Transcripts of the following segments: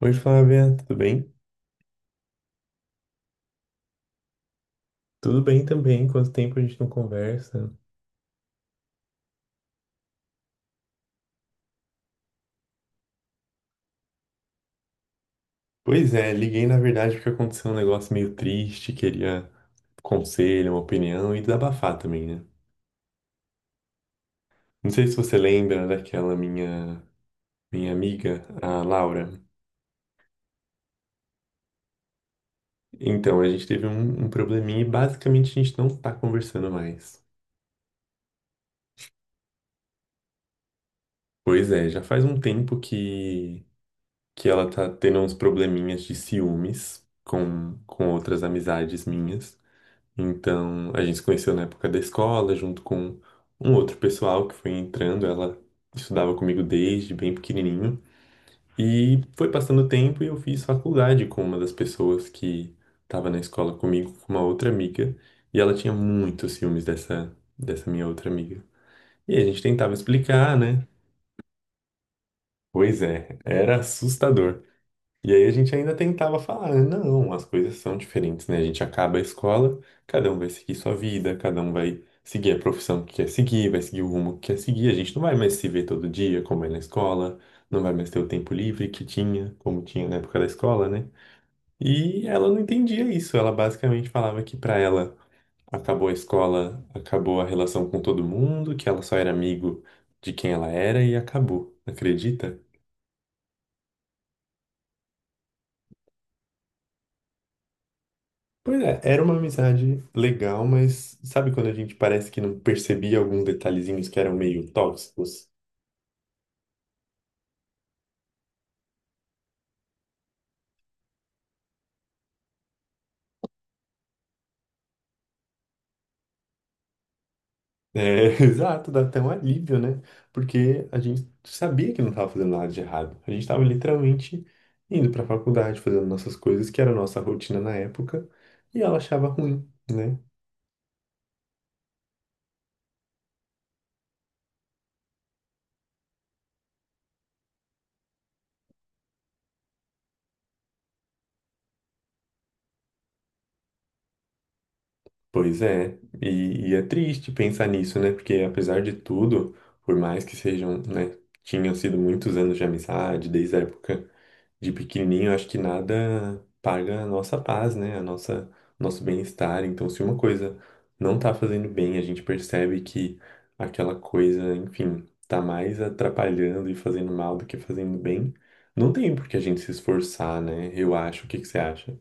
Oi, Flávia, tudo bem? Tudo bem também, quanto tempo a gente não conversa? Pois é, liguei na verdade porque aconteceu um negócio meio triste, queria um conselho, uma opinião e desabafar também, né? Não sei se você lembra daquela minha amiga, a Laura. Então, a gente teve um probleminha e basicamente a gente não tá conversando mais. Pois é, já faz um tempo que ela tá tendo uns probleminhas de ciúmes com outras amizades minhas. Então, a gente se conheceu na época da escola, junto com um outro pessoal que foi entrando. Ela estudava comigo desde bem pequenininho. E foi passando o tempo e eu fiz faculdade com uma das pessoas que estava na escola comigo, com uma outra amiga. E ela tinha muitos ciúmes dessa minha outra amiga. E a gente tentava explicar, né? Pois é, era assustador. E aí a gente ainda tentava falar: "Ah, não, as coisas são diferentes, né? A gente acaba a escola, cada um vai seguir sua vida, cada um vai seguir a profissão que quer seguir, vai seguir o rumo que quer seguir. A gente não vai mais se ver todo dia, como é na escola, não vai mais ter o tempo livre que tinha, como tinha na época da escola, né?" E ela não entendia isso. Ela basicamente falava que, pra ela, acabou a escola, acabou a relação com todo mundo, que ela só era amigo de quem ela era e acabou. Acredita? Pois é, era uma amizade legal, mas sabe quando a gente parece que não percebia alguns detalhezinhos que eram meio tóxicos? É, exato, dá até um alívio, né? Porque a gente sabia que não estava fazendo nada de errado. A gente estava literalmente indo para a faculdade, fazendo nossas coisas, que era a nossa rotina na época, e ela achava ruim, né? Pois é, e é triste pensar nisso, né? Porque apesar de tudo, por mais que sejam, né, tinham sido muitos anos de amizade, desde a época de pequenininho, acho que nada paga a nossa paz, né? A nossa, nosso bem-estar. Então, se uma coisa não tá fazendo bem, a gente percebe que aquela coisa, enfim, tá mais atrapalhando e fazendo mal do que fazendo bem, não tem por que a gente se esforçar, né? Eu acho. O que que você acha?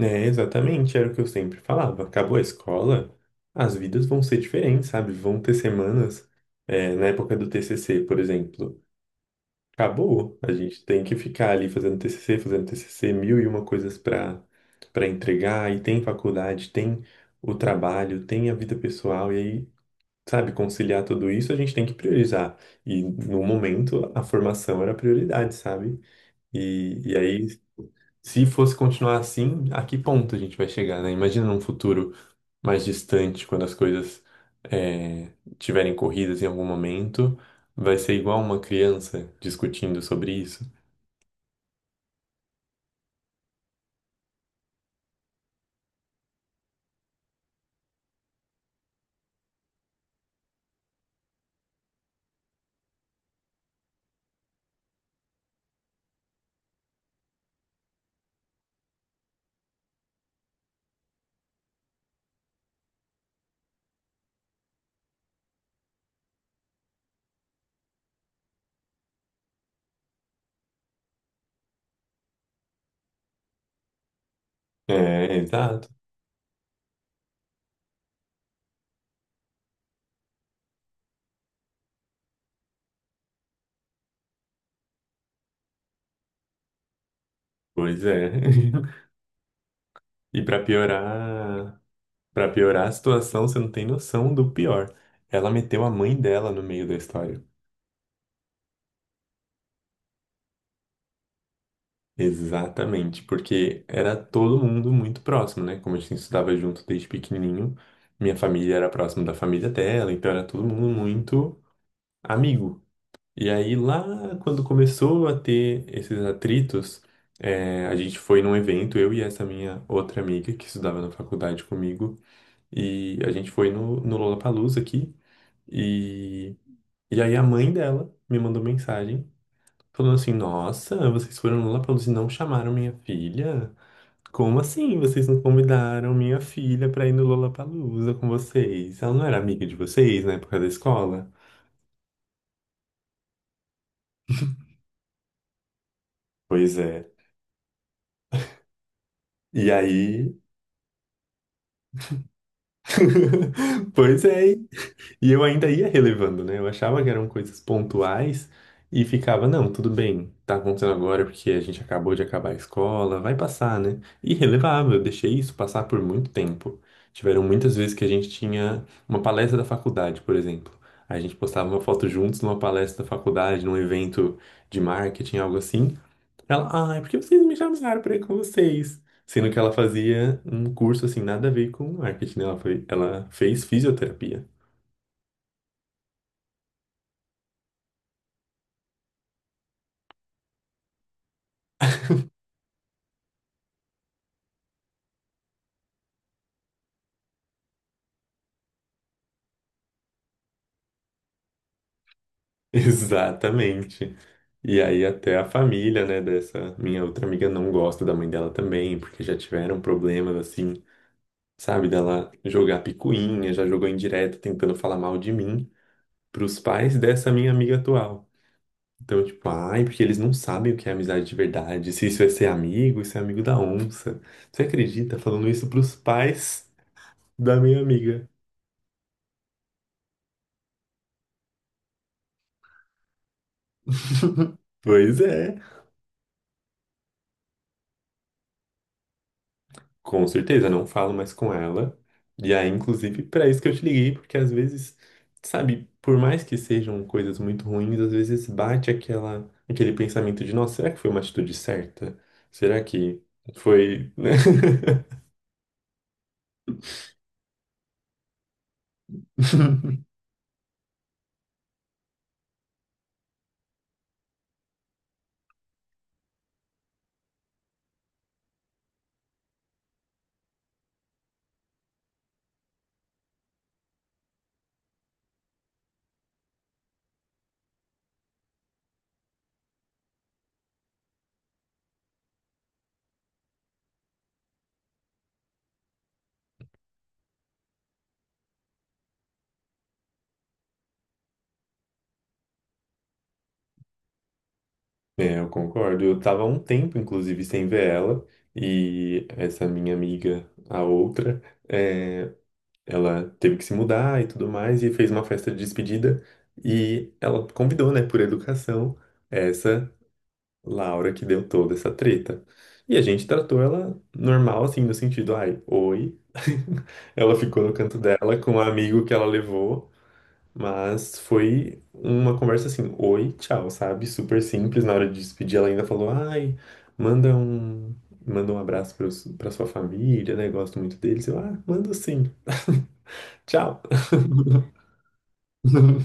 É, exatamente, era o que eu sempre falava. Acabou a escola, as vidas vão ser diferentes, sabe? Vão ter semanas. Na época do TCC, por exemplo. Acabou. A gente tem que ficar ali fazendo TCC, fazendo TCC, mil e uma coisas para entregar. E tem faculdade, tem o trabalho, tem a vida pessoal. E aí, sabe, conciliar tudo isso, a gente tem que priorizar. E no momento, a formação era a prioridade, sabe? E, e aí, Se fosse continuar assim, a que ponto a gente vai chegar, né? Imagina num futuro mais distante, quando as coisas é, tiverem corridas em algum momento, vai ser igual uma criança discutindo sobre isso. É, exato. Pois é. E pra piorar, para piorar a situação, você não tem noção do pior. Ela meteu a mãe dela no meio da história. Exatamente, porque era todo mundo muito próximo, né? Como a gente estudava junto desde pequenininho, minha família era próximo da família dela, então era todo mundo muito amigo. E aí lá, quando começou a ter esses atritos, a gente foi num evento, eu e essa minha outra amiga que estudava na faculdade comigo. E a gente foi no Lollapalooza aqui. E, e aí a mãe dela me mandou mensagem falando assim: "Nossa, vocês foram no Lollapalooza e não chamaram minha filha? Como assim? Vocês não convidaram minha filha pra ir no Lollapalooza com vocês? Ela não era amiga de vocês na época da escola?" Pois é. E aí. Pois é. E eu ainda ia relevando, né? Eu achava que eram coisas pontuais e ficava, não, tudo bem, tá acontecendo agora porque a gente acabou de acabar a escola, vai passar, né? E relevava, eu deixei isso passar por muito tempo. Tiveram muitas vezes que a gente tinha uma palestra da faculdade, por exemplo. A gente postava uma foto juntos numa palestra da faculdade, num evento de marketing, algo assim. Ela, ah, é porque vocês me chamaram pra ir com vocês. Sendo que ela fazia um curso assim, nada a ver com marketing, né? Ela foi, ela fez fisioterapia. Exatamente. E aí até a família, né, dessa minha outra amiga não gosta da mãe dela também, porque já tiveram problemas assim, sabe, dela jogar picuinha, já jogou indireta tentando falar mal de mim pros pais dessa minha amiga atual. Então, tipo, ai, porque eles não sabem o que é amizade de verdade, se isso é ser amigo, isso é amigo da onça. Você acredita falando isso pros pais da minha amiga? Pois é. Com certeza, não falo mais com ela. E aí, inclusive, para isso que eu te liguei, porque, às vezes, sabe, por mais que sejam coisas muito ruins, às vezes bate aquela, aquele pensamento de, nossa, será que foi uma atitude certa? Será que foi, né? É, eu concordo. Eu tava há um tempo, inclusive, sem ver ela. E essa minha amiga, a outra, ela teve que se mudar e tudo mais, e fez uma festa de despedida. E ela convidou, né, por educação, essa Laura que deu toda essa treta. E a gente tratou ela normal, assim, no sentido, ai, oi. Ela ficou no canto dela com um amigo que ela levou, mas foi uma conversa assim, oi, tchau, sabe? Super simples. Na hora de despedir, ela ainda falou, ai, manda um, manda um abraço para sua família, né? Gosto muito deles. Eu, ah, mando sim. Tchau.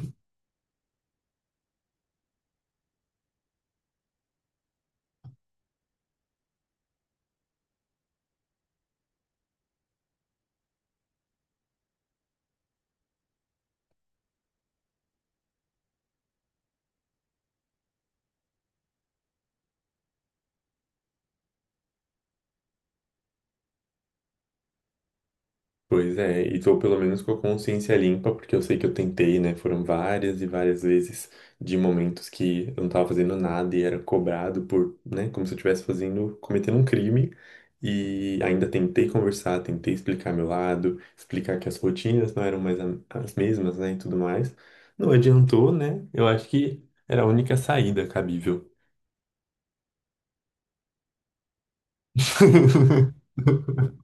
Pois é, e tô pelo menos com a consciência limpa, porque eu sei que eu tentei, né? Foram várias e várias vezes de momentos que eu não tava fazendo nada e era cobrado por, né, como se eu estivesse fazendo, cometendo um crime. E ainda tentei conversar, tentei explicar meu lado, explicar que as rotinas não eram mais as mesmas, né, e tudo mais. Não adiantou, né? Eu acho que era a única saída cabível.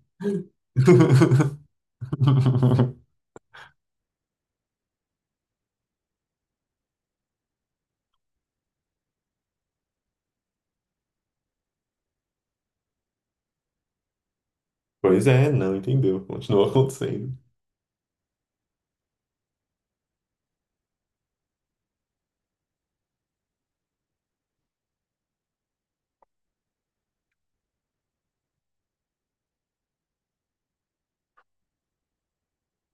Pois é, não entendeu. Continuou acontecendo.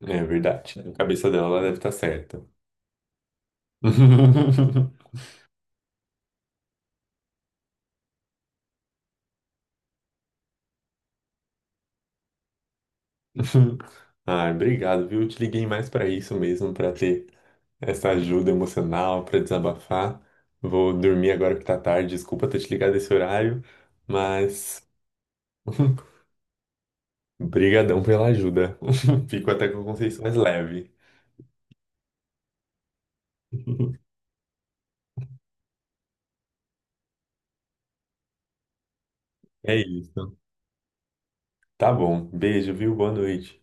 É verdade, né? A cabeça dela, ela deve estar certa. Ah, obrigado, viu? Eu te liguei mais para isso mesmo, para ter essa ajuda emocional, para desabafar. Vou dormir agora que tá tarde. Desculpa ter te ligado esse horário, mas brigadão pela ajuda. Fico até com a consciência mais leve. É isso. Tá bom. Beijo, viu? Boa noite.